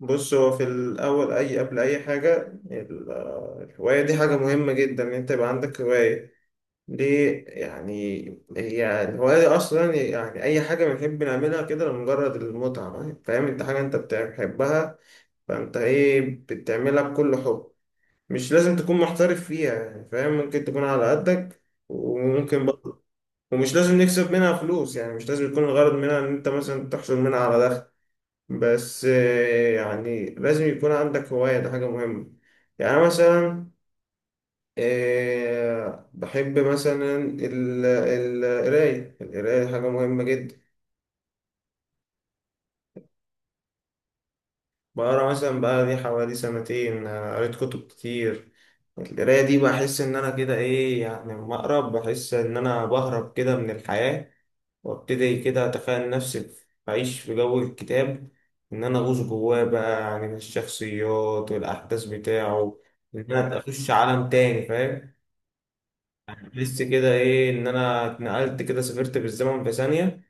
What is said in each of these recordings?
بص هو في الأول أي قبل أي حاجة. ال- الهواية دي حاجة مهمة جدا إن أنت يبقى عندك هواية. ليه يعني؟ هي الهواية دي أصلا يعني أي حاجة بنحب نعملها كده لمجرد المتعة، فاهم؟ أنت حاجة أنت بتحبها، فأنت إيه، بتعملها بكل حب. مش لازم تكون محترف فيها يعني، فاهم؟ ممكن تكون على قدك وممكن بقى، ومش لازم نكسب منها فلوس، يعني مش لازم يكون الغرض منها إن أنت مثلا تحصل منها على دخل. بس يعني لازم يكون عندك هواية، ده حاجة مهمة. يعني أنا مثلا بحب مثلا القراية دي حاجة مهمة جدا. بقرا مثلا بقى لي حوالي سنتين، قريت كتب كتير. القراية دي بحس إن أنا كده إيه، يعني لما أقرأ بحس إن أنا بهرب كده من الحياة، وأبتدي كده أتخيل نفسي بعيش في جو الكتاب، إن أنا أغوص جواه بقى، يعني الشخصيات والأحداث بتاعه، إن أنا أخش عالم تاني، فاهم؟ بحس كده إيه، إن أنا اتنقلت كده، سافرت بالزمن في ثانية،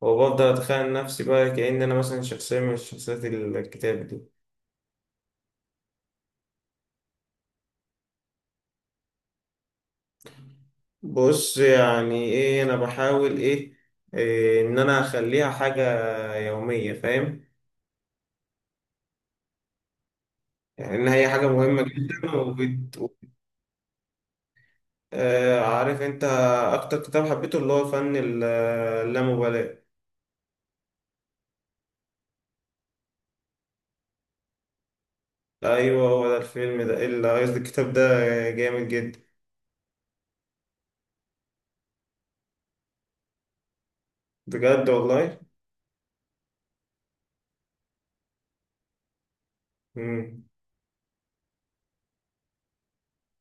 وبفضل أتخيل نفسي بقى كأن أنا مثلا شخصية من شخصيات الكتاب دي. بص يعني ايه، انا بحاول ايه، إيه ان انا اخليها حاجة يومية، فاهم؟ يعني ان هي حاجة مهمة جدا وبت... آه، عارف انت اكتر كتاب حبيته؟ اللي هو فن اللامبالاة. ايوه هو ده الفيلم ده اللي قصدي الكتاب ده جامد جدا. بجد والله. مم.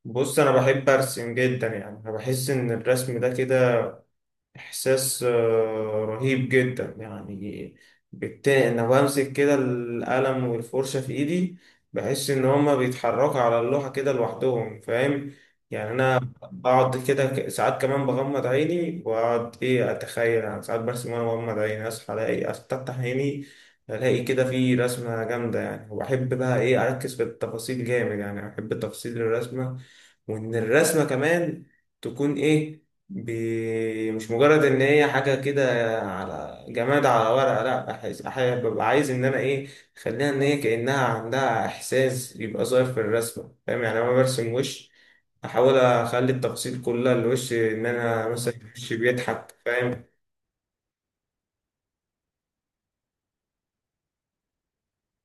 بص انا بحب ارسم جدا، يعني انا بحس ان الرسم ده كده إحساس رهيب جدا يعني. بالتالي أنا بمسك كده القلم والفرشة في إيدي، بحس إن هما بيتحركوا على اللوحة كده لوحدهم، فاهم؟ يعني أنا بقعد كده ساعات، كمان بغمض عيني وأقعد إيه أتخيل، يعني ساعات برسم وأنا بغمض عيني، أصحى ألاقي، أفتح عيني ألاقي كده في رسمة جامدة يعني. وبحب بقى إيه أركز في التفاصيل جامد، يعني بحب تفاصيل الرسمة، وإن الرسمة كمان تكون إيه ب... مش مجرد ان هي حاجه كده على جماد على ورقه، لا أحس... ببقى عايز ان انا ايه، اخليها ان هي كانها عندها احساس يبقى ظاهر في الرسمه، فاهم؟ يعني انا برسم وش، احاول اخلي التفاصيل كلها الوش ان انا مثلا وش بيضحك، فاهم؟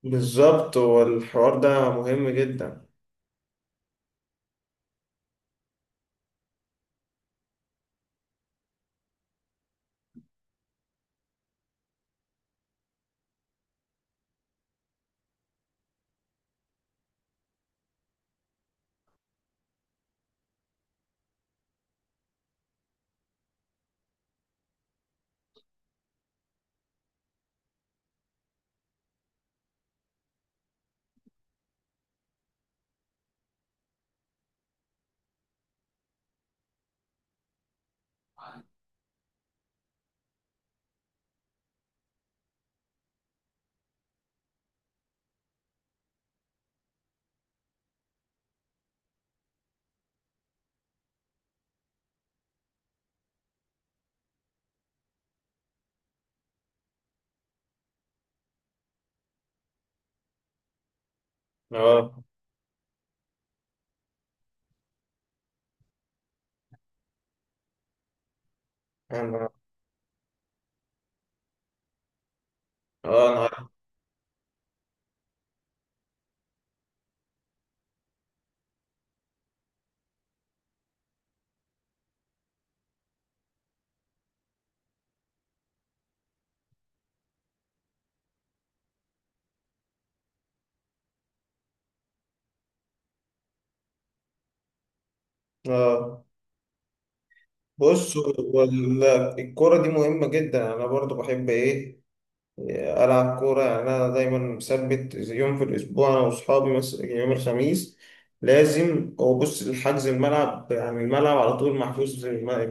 بالظبط، والحوار ده مهم جدا. اه انا اه انا عارف. اه بص الكرة دي مهمة جدا، أنا برضو بحب إيه ألعب كورة. يعني أنا دايما مثبت زي يوم في الأسبوع أنا وأصحابي، مثلا يوم الخميس لازم. هو بص الحجز الملعب، يعني الملعب على طول محجوز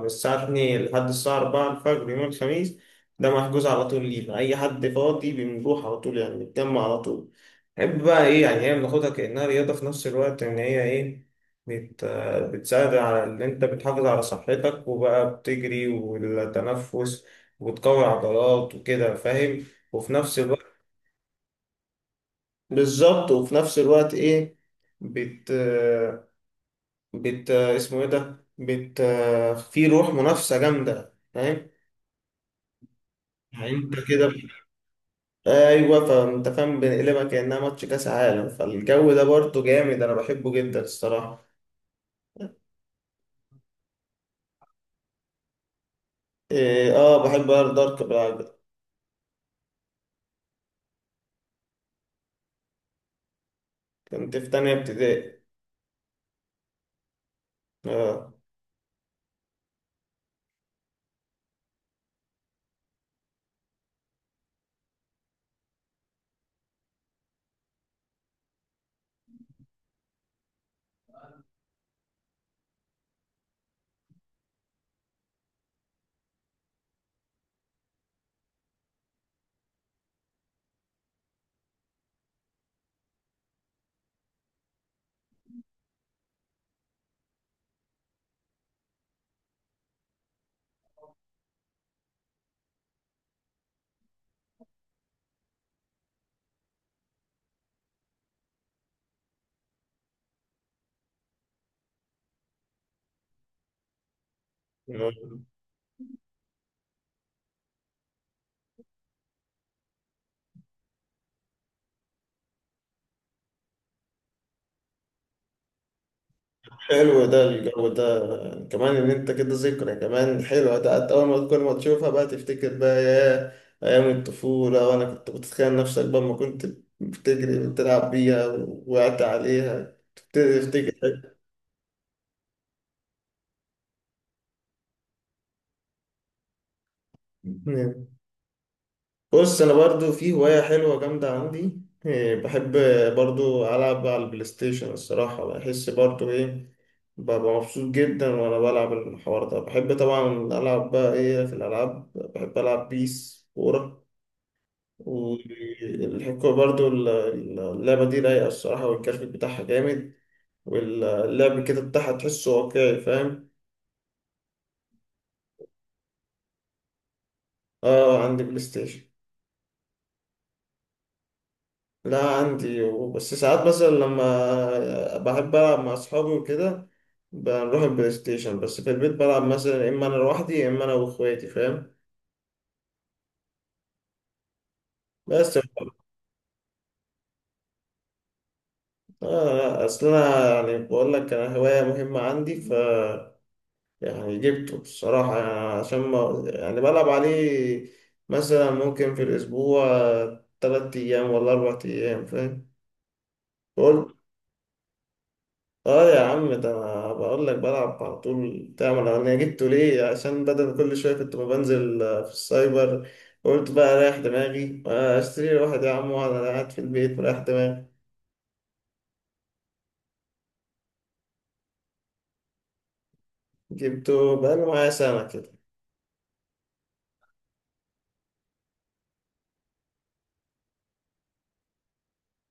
من الساعة 2 لحد الساعة 4 الفجر يوم الخميس، ده محجوز على طول لينا. أي حد فاضي بنروح على طول، يعني نتجمع على طول. نحب بقى إيه، يعني هي بناخدها كأنها رياضة في نفس الوقت، إن هي إيه بت... بتساعد على إن أنت بتحافظ على صحتك، وبقى بتجري والتنفس وتقوي عضلات وكده، فاهم؟ وفي نفس الوقت بالظبط. وفي نفس الوقت ايه بت، بت، اسمه ايه ده، بت في روح منافسة جامدة، فاهم؟ يعني انت كده ايوه، فانت فاهم، بنقلبها كأنها ماتش كاس عالم، فالجو ده برضه جامد، انا بحبه جدا الصراحة. إيه اه، بحب ارض دارك بقى. كنت في تانية ابتدائي. اه حلو، ده الجو ده كمان، ان انت كده ذكرى كمان حلوة، ده حتى اول ما كل ما تشوفها بقى تفتكر بقى يا ايام الطفولة، وانا كنت بتخيل نفسك بقى ما كنت بتجري بتلعب بيها، وقعت عليها تبتدي تفتكر. بص انا برضو في هواية حلوة جامدة عندي، إيه، بحب برضو العب على البلاي ستيشن الصراحة. بحس برضو ايه، ببقى مبسوط جدا وانا بلعب. الحوار ده بحب طبعا العب بقى ايه في الالعاب، بحب العب بيس كورة والحكومة. برضو اللعبة دي رايقة الصراحة، والجرافيك بتاعها جامد، واللعب كده بتاعها تحسه واقعي، فاهم؟ اه عندي بلاي ستيشن. لا عندي، بس ساعات مثلا لما بحب ألعب مع أصحابي وكده بنروح البلاي ستيشن. بس في البيت بلعب مثلا يا إما أنا لوحدي يا إما أنا وإخواتي، فاهم؟ بس آه. لا، أصل أنا يعني بقول لك أنا هواية مهمة عندي، ف يعني جبته الصراحة، يعني عشان ما يعني بلعب عليه مثلا ممكن في الأسبوع تلات أيام ولا أربع أيام، فاهم؟ قلت يا عم، ده أنا بقول لك بلعب على طول. تعمل أنا جبته ليه؟ عشان بدل كل شوية كنت ما بنزل في السايبر، قلت بقى رايح دماغي، اشتري لي واحد يا عم، وانا قاعد في البيت مريح دماغي. جبته بقاله معايا سنة كده.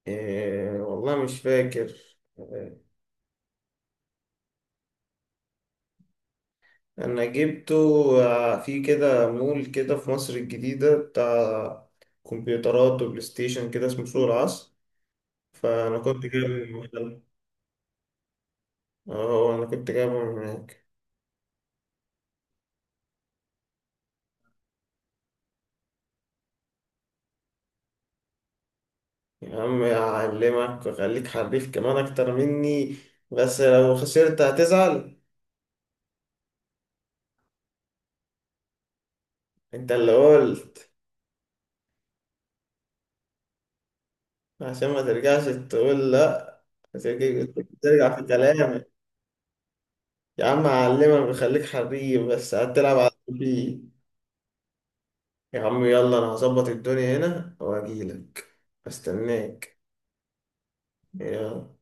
إيه والله مش فاكر. انا جبته في كده مول كده في مصر الجديدة بتاع كمبيوترات وبلاي ستيشن كده، اسمه سوق العصر، فانا كنت جايبه من هناك. اه انا كنت جايبه من هناك. يا عم اعلمك واخليك حريف كمان اكتر مني، بس لو خسرت هتزعل. انت اللي قلت. عشان ما ترجعش تقول لا، هترجع ترجع في كلامك. يا عم اعلمك واخليك حريف، بس هتلعب على البيت. يا عم يلا، انا هظبط الدنيا هنا واجيلك، استناك. يلا.